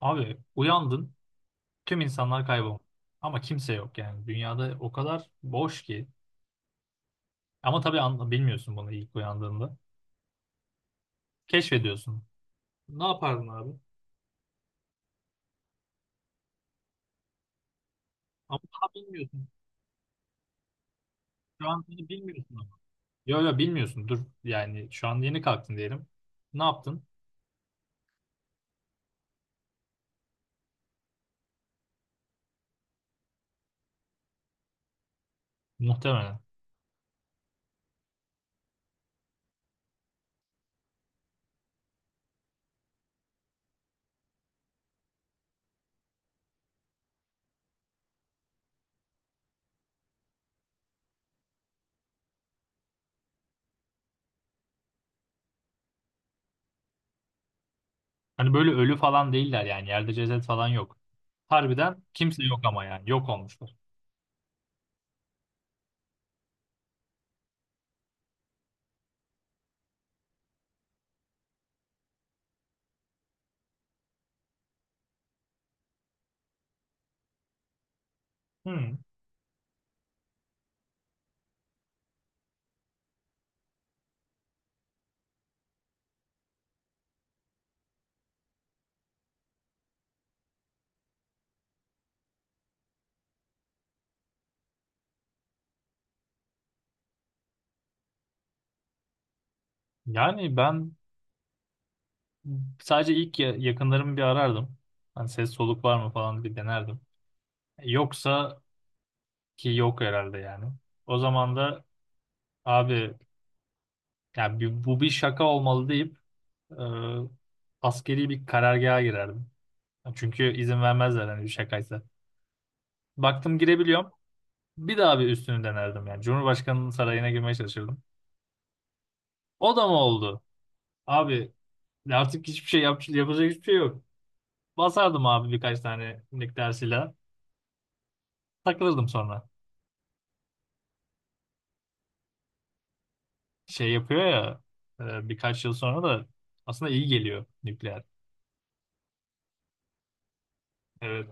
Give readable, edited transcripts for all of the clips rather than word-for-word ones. Abi uyandın, tüm insanlar kaybolmuş. Ama kimse yok yani. Dünyada o kadar boş ki. Ama tabii anla, bilmiyorsun bunu ilk uyandığında. Keşfediyorsun. Ne yapardın abi? Ama daha bilmiyorsun. Şu an bunu bilmiyorsun ama. Yok yok bilmiyorsun. Dur yani şu an yeni kalktın diyelim. Ne yaptın? Muhtemelen. Hani böyle ölü falan değiller yani. Yerde ceset falan yok. Harbiden kimse yok ama yani. Yok olmuşlar. Hmm. Yani ben sadece ilk yakınlarımı bir arardım. Hani ses soluk var mı falan bir denerdim. Yoksa ki yok herhalde yani. O zaman da abi yani bu bir şaka olmalı deyip e, askeri bir karargaha girerdim. Çünkü izin vermezler hani bir şakaysa. Baktım girebiliyorum. Bir daha bir üstünü denerdim yani. Cumhurbaşkanının sarayına girmeye çalışırdım. O da mı oldu? Abi artık hiçbir şey yapacak hiçbir şey yok. Basardım abi birkaç tane nükleer silah. Takılırdım sonra. Şey yapıyor ya birkaç yıl sonra da aslında iyi geliyor nükleer. Evet.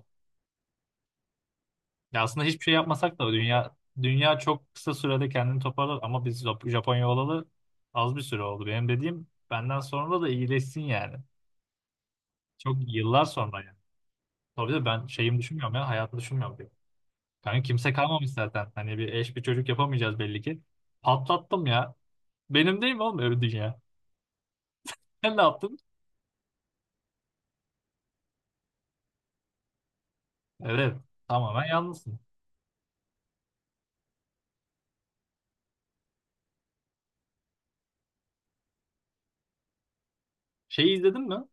Ya aslında hiçbir şey yapmasak da dünya çok kısa sürede kendini toparlar ama biz Japonya olalı az bir süre oldu. Benim dediğim benden sonra da iyileşsin yani. Çok yıllar sonra yani. Tabii de ben şeyim düşünmüyorum ya hayatı düşünmüyorum diyor. Kanka kimse kalmamış zaten. Hani bir eş bir çocuk yapamayacağız belli ki. Patlattım ya. Benim değil mi oğlum öyle dünya? Sen ne yaptın? Evet. Tamamen yalnızsın. Şeyi izledin mi?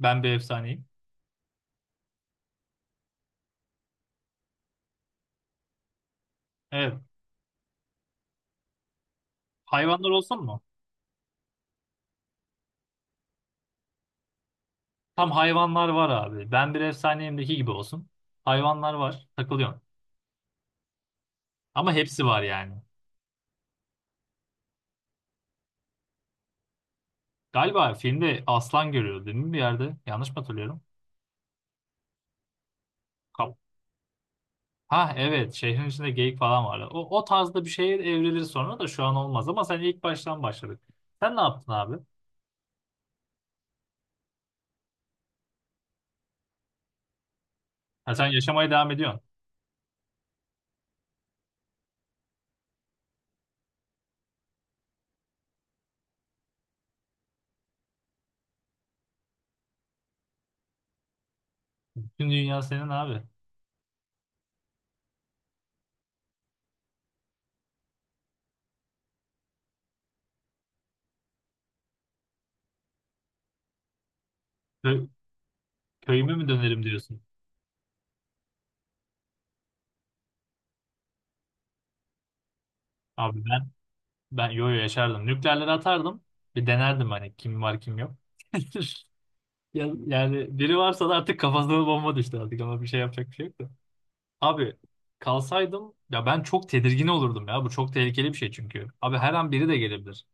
Ben bir efsaneyim. Evet. Hayvanlar olsun mu? Tam hayvanlar var abi. Ben bir efsaneyimdeki gibi olsun. Hayvanlar var. Takılıyorsun. Ama hepsi var yani. Galiba filmde aslan görüyordu değil mi bir yerde? Yanlış mı hatırlıyorum? Kap- Ha evet. Şehrin içinde geyik falan vardı. O tarzda bir şeye evrilir sonra da şu an olmaz. Ama sen ilk baştan başladık. Sen ne yaptın abi? Ha, sen yaşamaya devam ediyorsun. Bütün dünya senin abi. Kö köyüme mi dönerim diyorsun? Abi ben yo yo yaşardım. Nükleerleri atardım. Bir denerdim hani kim var kim yok. Yani biri varsa da artık kafasına bomba düştü artık ama bir şey yapacak bir şey yok da. Abi kalsaydım ya ben çok tedirgin olurdum ya. Bu çok tehlikeli bir şey çünkü. Abi her an biri de gelebilir.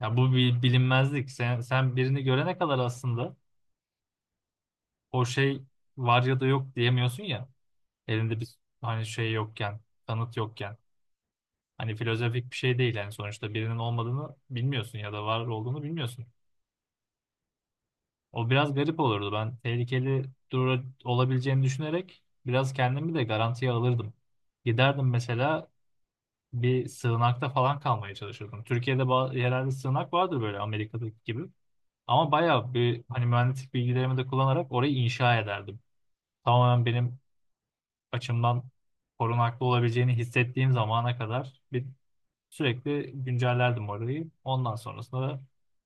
Ya bu bir bilinmezlik. Sen birini görene kadar aslında o şey var ya da yok diyemiyorsun ya. Elinde bir hani şey yokken, kanıt yokken. Hani filozofik bir şey değil yani sonuçta birinin olmadığını bilmiyorsun ya da var olduğunu bilmiyorsun. O biraz garip olurdu. Ben tehlikeli dura olabileceğini düşünerek biraz kendimi de garantiye alırdım. Giderdim mesela bir sığınakta falan kalmaya çalışırdım. Türkiye'de yerel bir sığınak vardır böyle Amerika'daki gibi. Ama bayağı bir hani mühendislik bilgilerimi de kullanarak orayı inşa ederdim. Tamamen benim açımdan korunaklı olabileceğini hissettiğim zamana kadar bir sürekli güncellerdim orayı. Ondan sonrasında da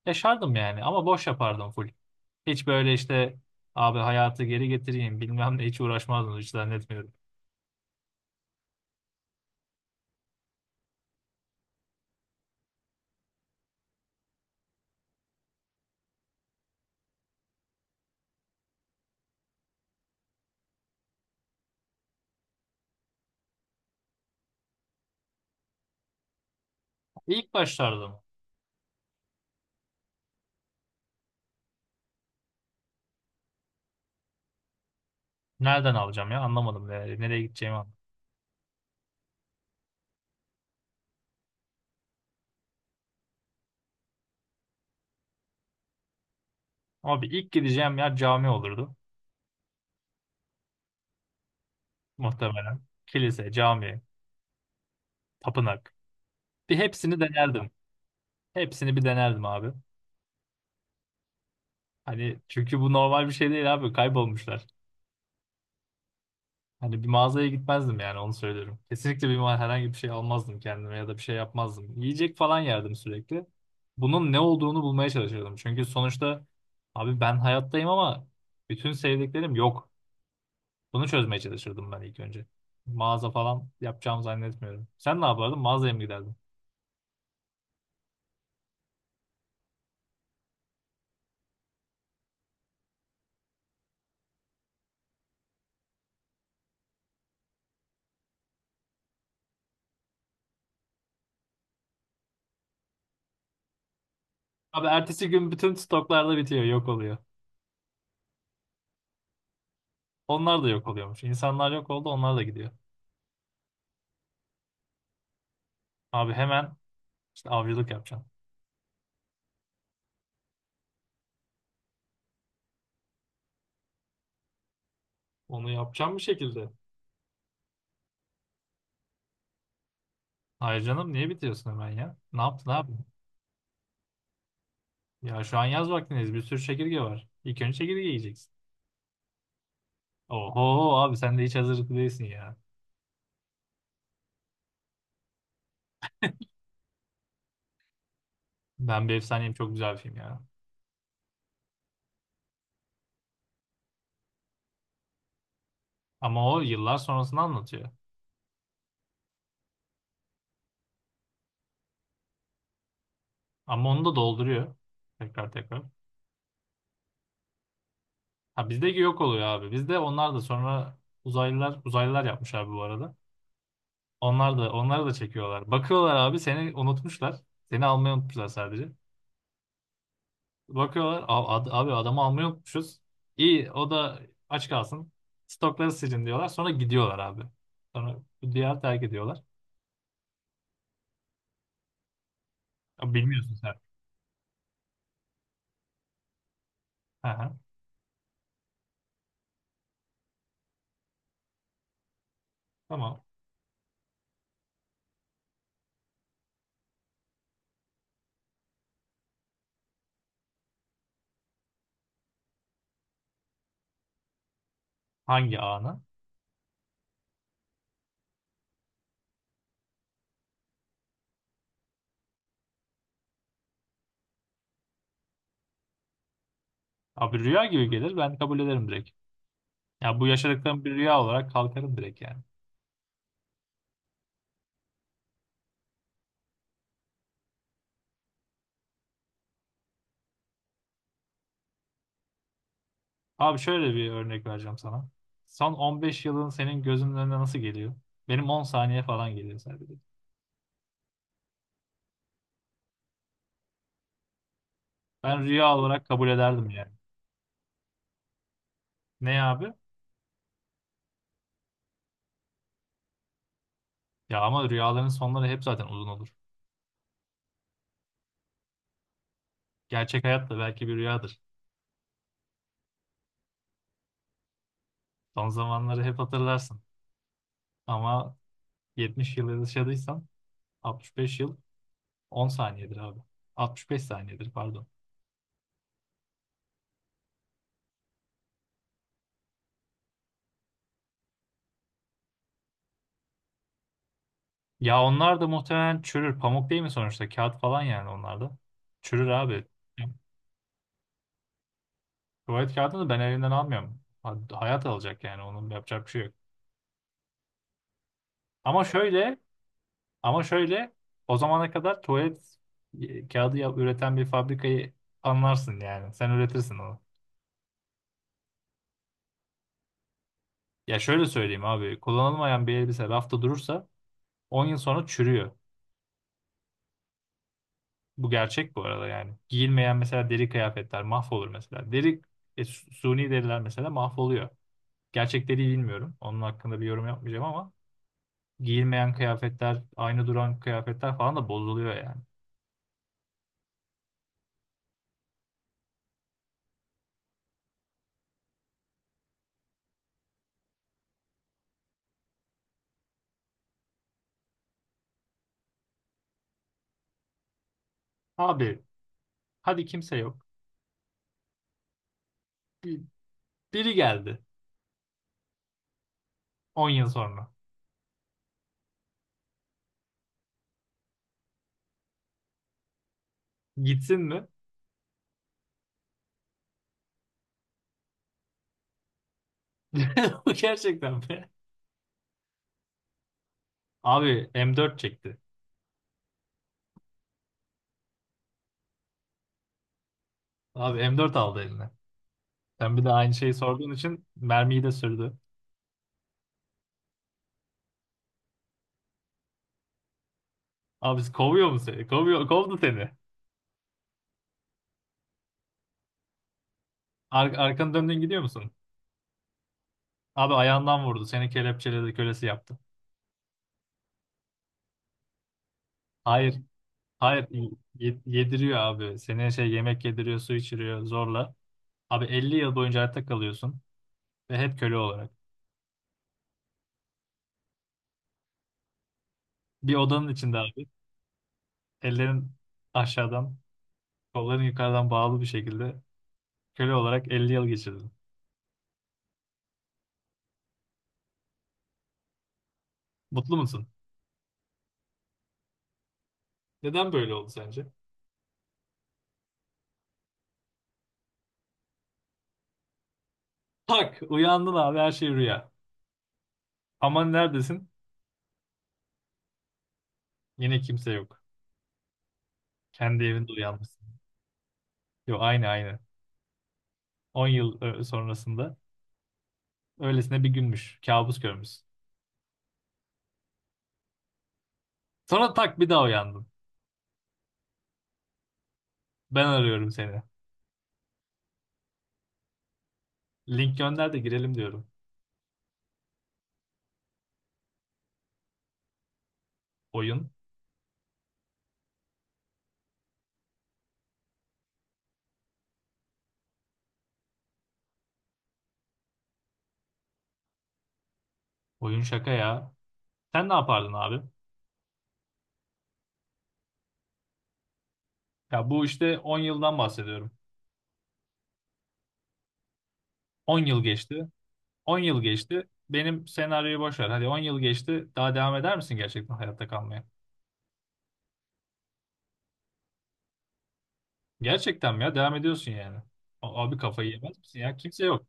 yaşardım yani ama boş yapardım full. Hiç böyle işte abi hayatı geri getireyim bilmem ne hiç uğraşmazdım hiç zannetmiyorum. İlk başlarda mı? Nereden alacağım ya anlamadım yani nereye gideceğimi anlamadım. Abi ilk gideceğim yer cami olurdu muhtemelen. Kilise, cami, tapınak. Bir hepsini denerdim. Hepsini bir denerdim abi. Hani çünkü bu normal bir şey değil abi kaybolmuşlar. Hani bir mağazaya gitmezdim yani onu söylüyorum. Kesinlikle bir herhangi bir şey almazdım kendime ya da bir şey yapmazdım. Yiyecek falan yerdim sürekli. Bunun ne olduğunu bulmaya çalışırdım. Çünkü sonuçta abi ben hayattayım ama bütün sevdiklerim yok. Bunu çözmeye çalışırdım ben ilk önce. Mağaza falan yapacağımı zannetmiyorum. Sen ne yapardın? Mağazaya mı giderdin? Abi ertesi gün bütün stoklar da bitiyor, yok oluyor. Onlar da yok oluyormuş. İnsanlar yok oldu, onlar da gidiyor. Abi hemen işte avcılık yapacağım. Onu yapacağım bir şekilde. Hayır canım niye bitiriyorsun hemen ya? Ne yaptın abi? Ya şu an yaz vaktindeyiz. Bir sürü çekirge var. İlk önce çekirge yiyeceksin. Oho abi sen de hiç hazırlıklı değilsin ya. Ben bir efsaneyim çok güzel bir film ya. Ama o yıllar sonrasını anlatıyor. Ama onu da dolduruyor. Tekrar tekrar. Ha bizdeki yok oluyor abi. Bizde onlar da sonra uzaylılar yapmış abi bu arada. Onlar da onları da çekiyorlar. Bakıyorlar abi seni unutmuşlar. Seni almayı unutmuşlar sadece. Bakıyorlar "Abi adamı almayı unutmuşuz. İyi o da aç kalsın. Stokları silin diyorlar. Sonra gidiyorlar abi. Sonra bu diyarı terk ediyorlar. Ya, bilmiyorsun sen. Hı hı. Tamam. Hangi anı? Abi rüya gibi gelir. Ben kabul ederim direkt. Ya bu yaşadıklarım bir rüya olarak kalkarım direkt yani. Abi şöyle bir örnek vereceğim sana. Son 15 yılın senin gözünün önüne nasıl geliyor? Benim 10 saniye falan geliyor sadece. Ben rüya olarak kabul ederdim yani. Ne abi? Ya ama rüyaların sonları hep zaten uzun olur. Gerçek hayat da belki bir rüyadır. Son zamanları hep hatırlarsın. Ama 70 yıl yaşadıysan 65 yıl 10 saniyedir abi. 65 saniyedir pardon. Ya onlar da muhtemelen çürür. Pamuk değil mi sonuçta? Kağıt falan yani onlar da. Çürür abi. Tuvalet kağıdını ben elinden almıyorum. Hayat alacak yani onun yapacak bir şey yok. Ama şöyle ama şöyle o zamana kadar tuvalet kağıdı üreten bir fabrikayı anlarsın yani. Sen üretirsin onu. Ya şöyle söyleyeyim abi. Kullanılmayan bir elbise rafta durursa 10 yıl sonra çürüyor. Bu gerçek bu arada yani. Giyilmeyen mesela deri kıyafetler mahvolur mesela. Suni deriler mesela mahvoluyor. Gerçekleri bilmiyorum. Onun hakkında bir yorum yapmayacağım ama giyilmeyen kıyafetler, aynı duran kıyafetler falan da bozuluyor yani. Abi hadi kimse yok. Bir- Biri geldi 10 yıl sonra. Gitsin mi? Bu gerçekten mi? Abi M4 çekti. Abi M4 aldı eline. Sen bir de aynı şeyi sorduğun için mermiyi de sürdü. Abi kovuyor mu seni? Kovuyor, kovdu seni. Arkanı döndün gidiyor musun? Abi ayağından vurdu. Seni kelepçeledi, kölesi yaptı. Hayır, hayır. Yediriyor abi. Seni şey yemek yediriyor, su içiriyor zorla. Abi 50 yıl boyunca hayatta kalıyorsun ve hep köle olarak. Bir odanın içinde abi. Ellerin aşağıdan, kolların yukarıdan bağlı bir şekilde köle olarak 50 yıl geçirdin. Mutlu musun? Neden böyle oldu sence? Tak, uyandın abi her şey rüya. Aman neredesin? Yine kimse yok. Kendi evinde uyanmışsın. Yo aynı aynı. 10 yıl sonrasında. Öylesine bir günmüş. Kabus görmüşsün. Sonra tak bir daha uyandın. Ben arıyorum seni. Link gönder de girelim diyorum. Oyun. Oyun şaka ya. Sen ne yapardın abi? Ya bu işte 10 yıldan bahsediyorum. 10 yıl geçti. 10 yıl geçti. Benim senaryoyu boş ver. Hadi 10 yıl geçti. Daha devam eder misin gerçekten hayatta kalmaya? Gerçekten mi ya? Devam ediyorsun yani. Abi kafayı yemez misin ya? Kimse yok.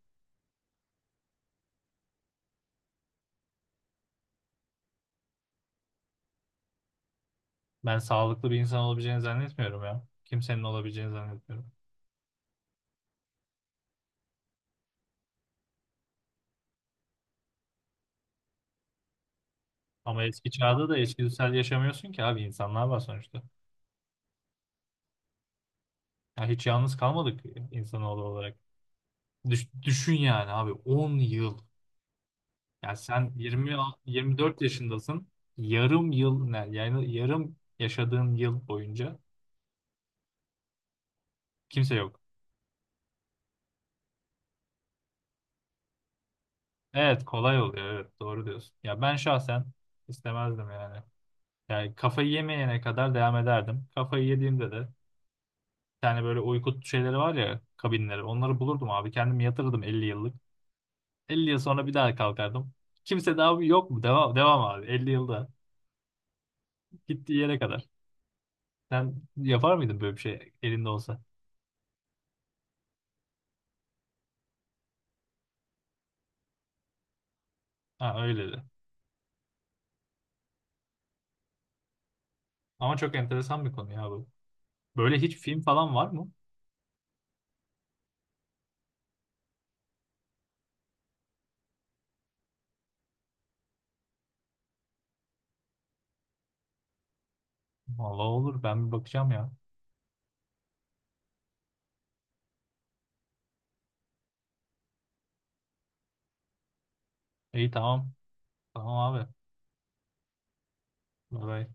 Ben sağlıklı bir insan olabileceğini zannetmiyorum ya. Kimsenin olabileceğini zannetmiyorum. Ama eski çağda da içgüdüsel yaşamıyorsun ki abi insanlar var sonuçta. Ya hiç yalnız kalmadık insanoğlu olarak. Düşün yani abi 10 yıl. Ya sen 20 24 yaşındasın. Yarım yıl ne? Yani yarım yaşadığın yıl boyunca kimse yok. Evet kolay oluyor evet doğru diyorsun. Ya ben şahsen istemezdim yani. Yani kafayı yemeyene kadar devam ederdim. Kafayı yediğimde de yani böyle uyku şeyleri var ya kabinleri. Onları bulurdum abi. Kendim yatırdım 50 yıllık. 50 yıl sonra bir daha kalkardım. Kimse daha yok mu? Devam, devam abi. 50 yılda. Gittiği yere kadar. Sen yapar mıydın böyle bir şey elinde olsa? Ha öyle de. Ama çok enteresan bir konu ya bu. Böyle hiç film falan var mı? Vallahi olur. Ben bir bakacağım ya. İyi tamam. Tamam abi. Bye bye.